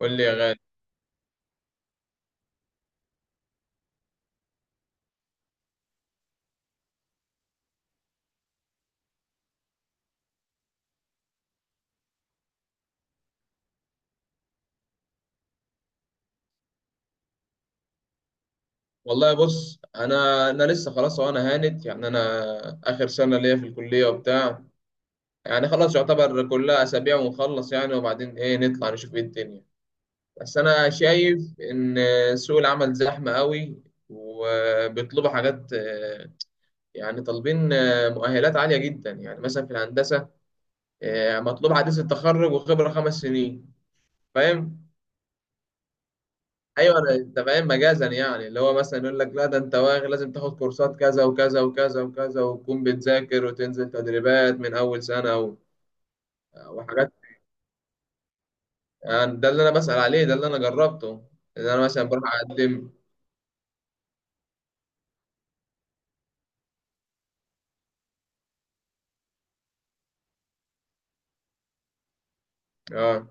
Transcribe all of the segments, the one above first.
قول لي يا غالي. والله بص، انا لسه خلاص وانا هانت يعني، انا اخر سنه ليا في الكليه وبتاع. يعني خلاص يعتبر كلها اسابيع ونخلص يعني. وبعدين ايه، نطلع نشوف ايه الدنيا. بس انا شايف ان سوق العمل زحمه قوي وبيطلبوا حاجات، يعني طالبين مؤهلات عاليه جدا يعني مثلا في الهندسه. مطلوب حديث التخرج وخبره 5 سنين. فاهم؟ ايوه، انت فاهم مجازا، يعني اللي هو مثلا يقول لك لا ده انت واغل، لازم تاخد كورسات كذا وكذا وكذا وكذا وتكون بتذاكر وتنزل تدريبات من اول سنه وحاجات. يعني ده اللي انا بسأل عليه، ده اللي انا جربته، اللي انا مثلا بروح اقدم. اه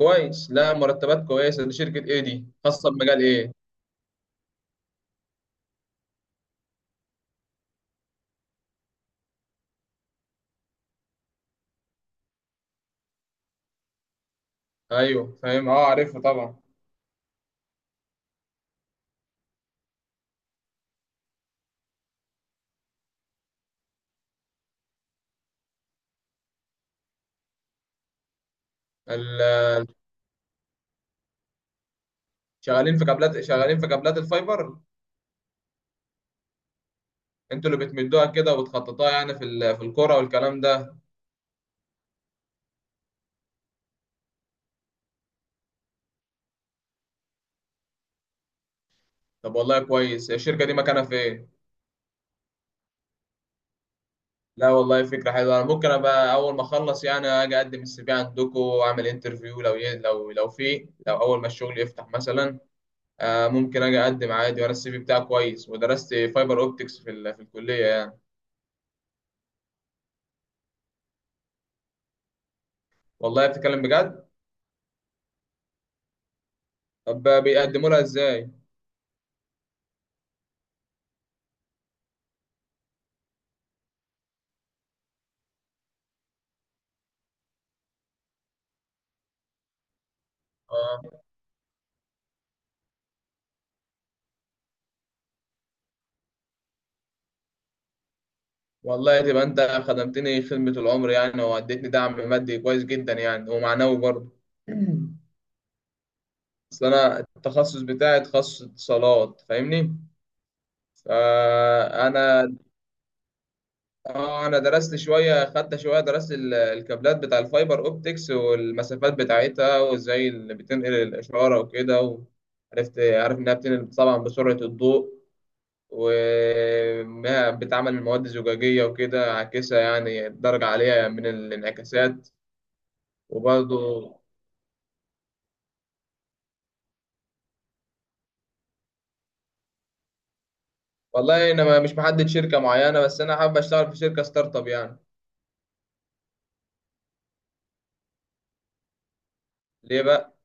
كويس. لا، مرتبات كويسه. دي شركه ايه؟ دي خاصه بمجال ايه؟ ايوه فاهم، اه عارفها طبعا. ال- شغالين في كابلات الفايبر. انتوا اللي بتمدوها كده وبتخططوها، يعني في في الكوره والكلام ده. طب والله كويس. الشركه دي مكانها فين؟ لا والله، فكرة حلوة. أنا ممكن أبقى أول ما أخلص يعني أجي أقدم السي في عندكم وأعمل انترفيو، لو لو في، لو أول ما الشغل يفتح مثلا. آه، ممكن أجي أقدم عادي وأنا السي في بتاعي كويس ودرست فايبر أوبتكس في في الكلية يعني. والله بتتكلم بجد؟ طب بيقدموا لها إزاي؟ آه. والله تبقى أنت خدمتني خدمة العمر يعني، وأديتني دعم مادي كويس جدا يعني ومعنوي برضه. أصل أنا التخصص بتاعي تخصص اتصالات، فاهمني؟ فأنا اه، انا درست شويه، خدت شويه، درست الكابلات بتاع الفايبر اوبتكس والمسافات بتاعتها، وازاي اللي بتنقل الاشاره وكده. عارف انها بتنقل طبعا بسرعه الضوء، وانها بتعمل من مواد زجاجيه وكده عاكسه يعني درجه عاليه من الانعكاسات. وبرضه والله انا مش محدد شركه معينه، بس انا حابب اشتغل في شركه ستارت اب يعني. ليه بقى؟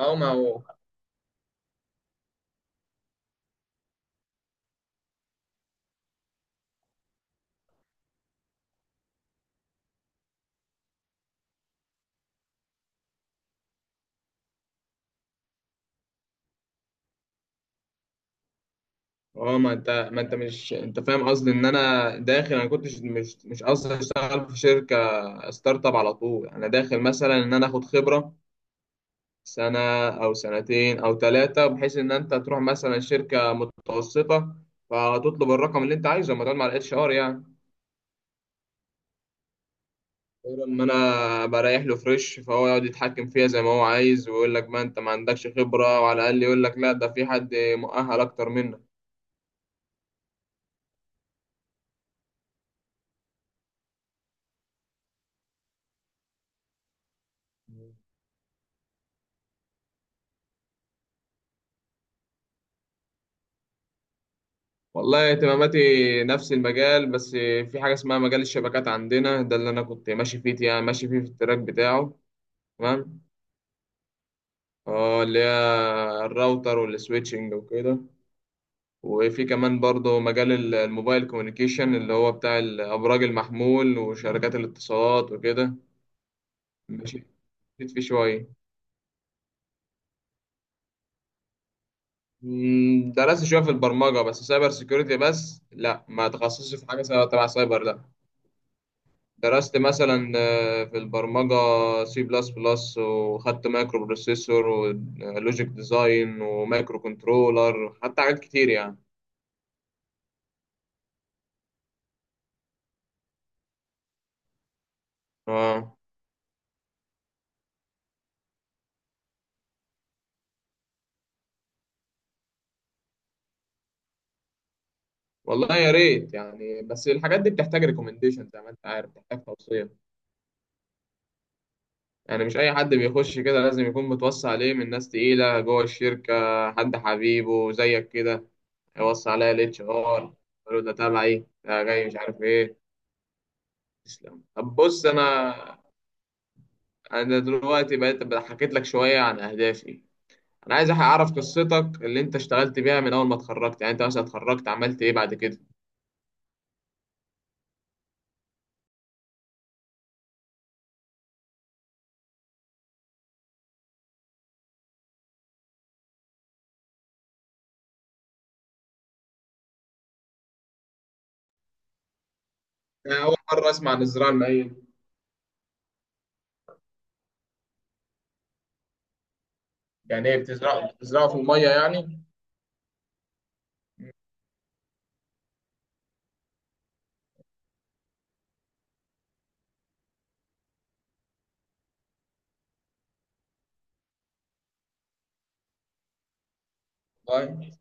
اه ما هو. اه، ما انت مش، انت فاهم قصدي، ان انا داخل، انا كنتش، مش قصدي اشتغل في شركه ستارت اب على طول يعني. انا داخل مثلا ان انا اخد خبره سنه او سنتين او ثلاثه، بحيث ان انت تروح مثلا شركه متوسطه فتطلب الرقم اللي انت عايزه لما تقعد مع الاتش ار يعني. غير ان انا بريح له فريش، فهو يقعد يتحكم فيها زي ما هو عايز ويقول لك ما انت ما عندكش خبره، وعلى الاقل يقول لك لا ده في حد مؤهل اكتر منك. والله اهتماماتي نفس المجال بس. في حاجة اسمها مجال الشبكات عندنا، ده اللي أنا كنت ماشي فيه يعني، ماشي فيه في التراك بتاعه. تمام. اه، اللي هي الراوتر والسويتشنج وكده. وفي كمان برضه مجال الموبايل كوميونيكيشن، اللي هو بتاع الأبراج المحمول وشركات الاتصالات وكده. ماشي، مشيت فيه شوية. درست شوية في البرمجة. بس سايبر سيكيورتي، بس لا، ما تخصصش في حاجة تبع سايبر، لا. درست مثلا في البرمجة سي بلس بلس، وخدت مايكرو بروسيسور ولوجيك ديزاين ومايكرو كنترولر، حتى حاجات كتير يعني. اه، والله يا ريت يعني، بس الحاجات دي بتحتاج ريكومنديشن زي ما انت عارف، بتحتاج توصية. يعني مش اي حد بيخش كده، لازم يكون متوصي عليه من ناس تقيلة جوه الشركة. حد حبيبه زيك كده هيوصي عليا الاتش ار، قالوا ده تبعي، ده جاي مش عارف ايه. تسلم. طب بص، انا دلوقتي بقيت بقى حكيت لك شويه عن اهدافي. انا عايز اعرف قصتك اللي انت اشتغلت بيها من اول ما اتخرجت يعني. انت مثلا اتخرجت عملت ايه بعد كده؟ انا اول مره اسمع عن الزراعه المائيه. يعني ايه، بتزرعوا في الميه يعني؟ طيب.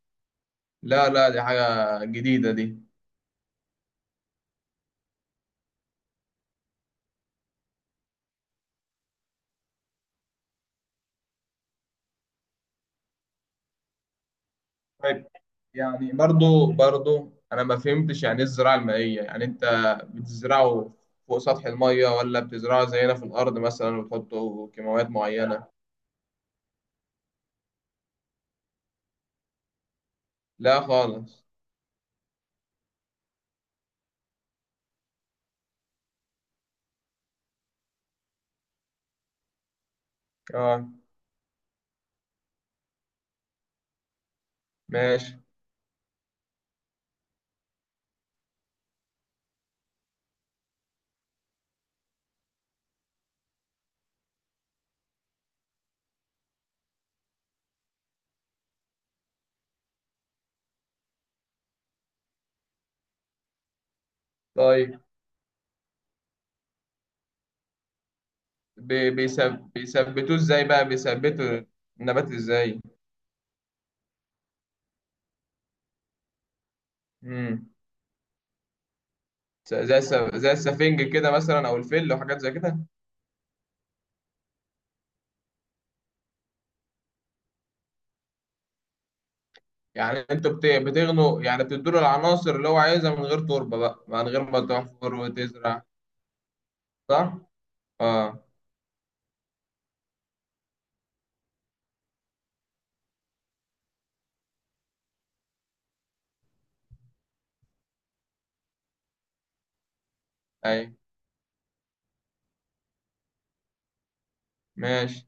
لا لا، دي حاجه جديده دي. طيب. يعني، برضو برضو انا ما فهمتش يعني ايه الزراعه المائيه. يعني انت بتزرعه فوق سطح الميه، ولا بتزرعه زينا في الارض مثلا وتحطوا كيماويات معينه؟ لا خالص. اه ماشي. طيب، بيثبتوه ازاي بقى؟ بيثبتوا النبات ازاي؟ امم زي زي السفنج كده مثلا، او الفل وحاجات زي كده. يعني انتوا بتغنوا يعني، بتدوا له العناصر اللي هو عايزها من غير تربه بقى، من غير ما تحفر وتزرع. صح. اه. اي ماشي.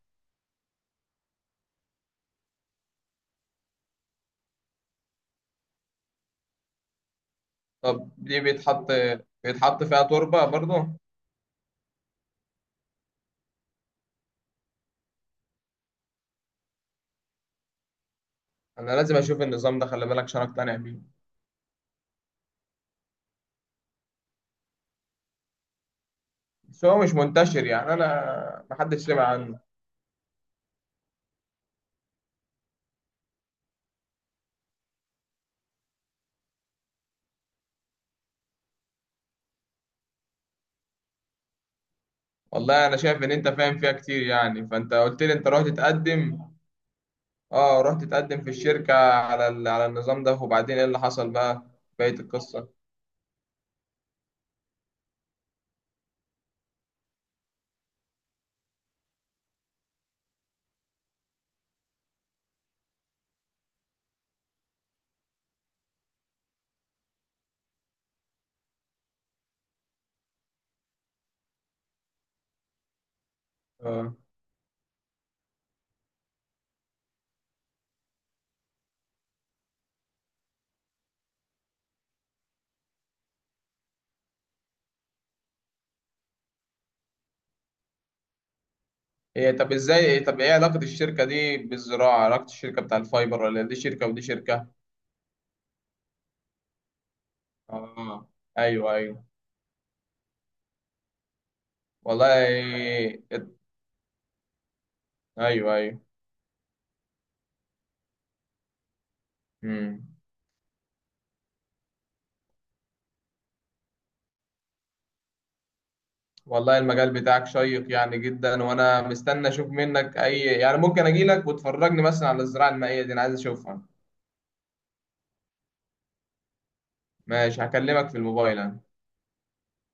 طب دي بيتحط فيها تربه برضو؟ انا لازم اشوف النظام ده، خلي بالك، عشان اقتنع بيه. بس هو مش منتشر يعني، انا محدش سمع عنه. والله انا شايف ان انت فاهم فيها كتير يعني. فانت قلت لي انت رحت تقدم. اه، رحت اتقدم في الشركة على على النظام ده، وبعدين ايه اللي حصل بقى؟ بقية القصة. اه. هي طب ازاي؟ طب ايه علاقة الشركة دي بالزراعة؟ علاقة الشركة بتاع الفايبر، ولا دي شركة ودي شركة؟ اه. ايوه ايوه. والله ات- ايوه ايوه. امم. والله المجال بتاعك شيق يعني جدا، وانا مستني اشوف منك، اي يعني ممكن اجي لك وتفرجني مثلا على الزراعة المائية دي، انا عايز اشوفها. ماشي، هكلمك في الموبايل أنا.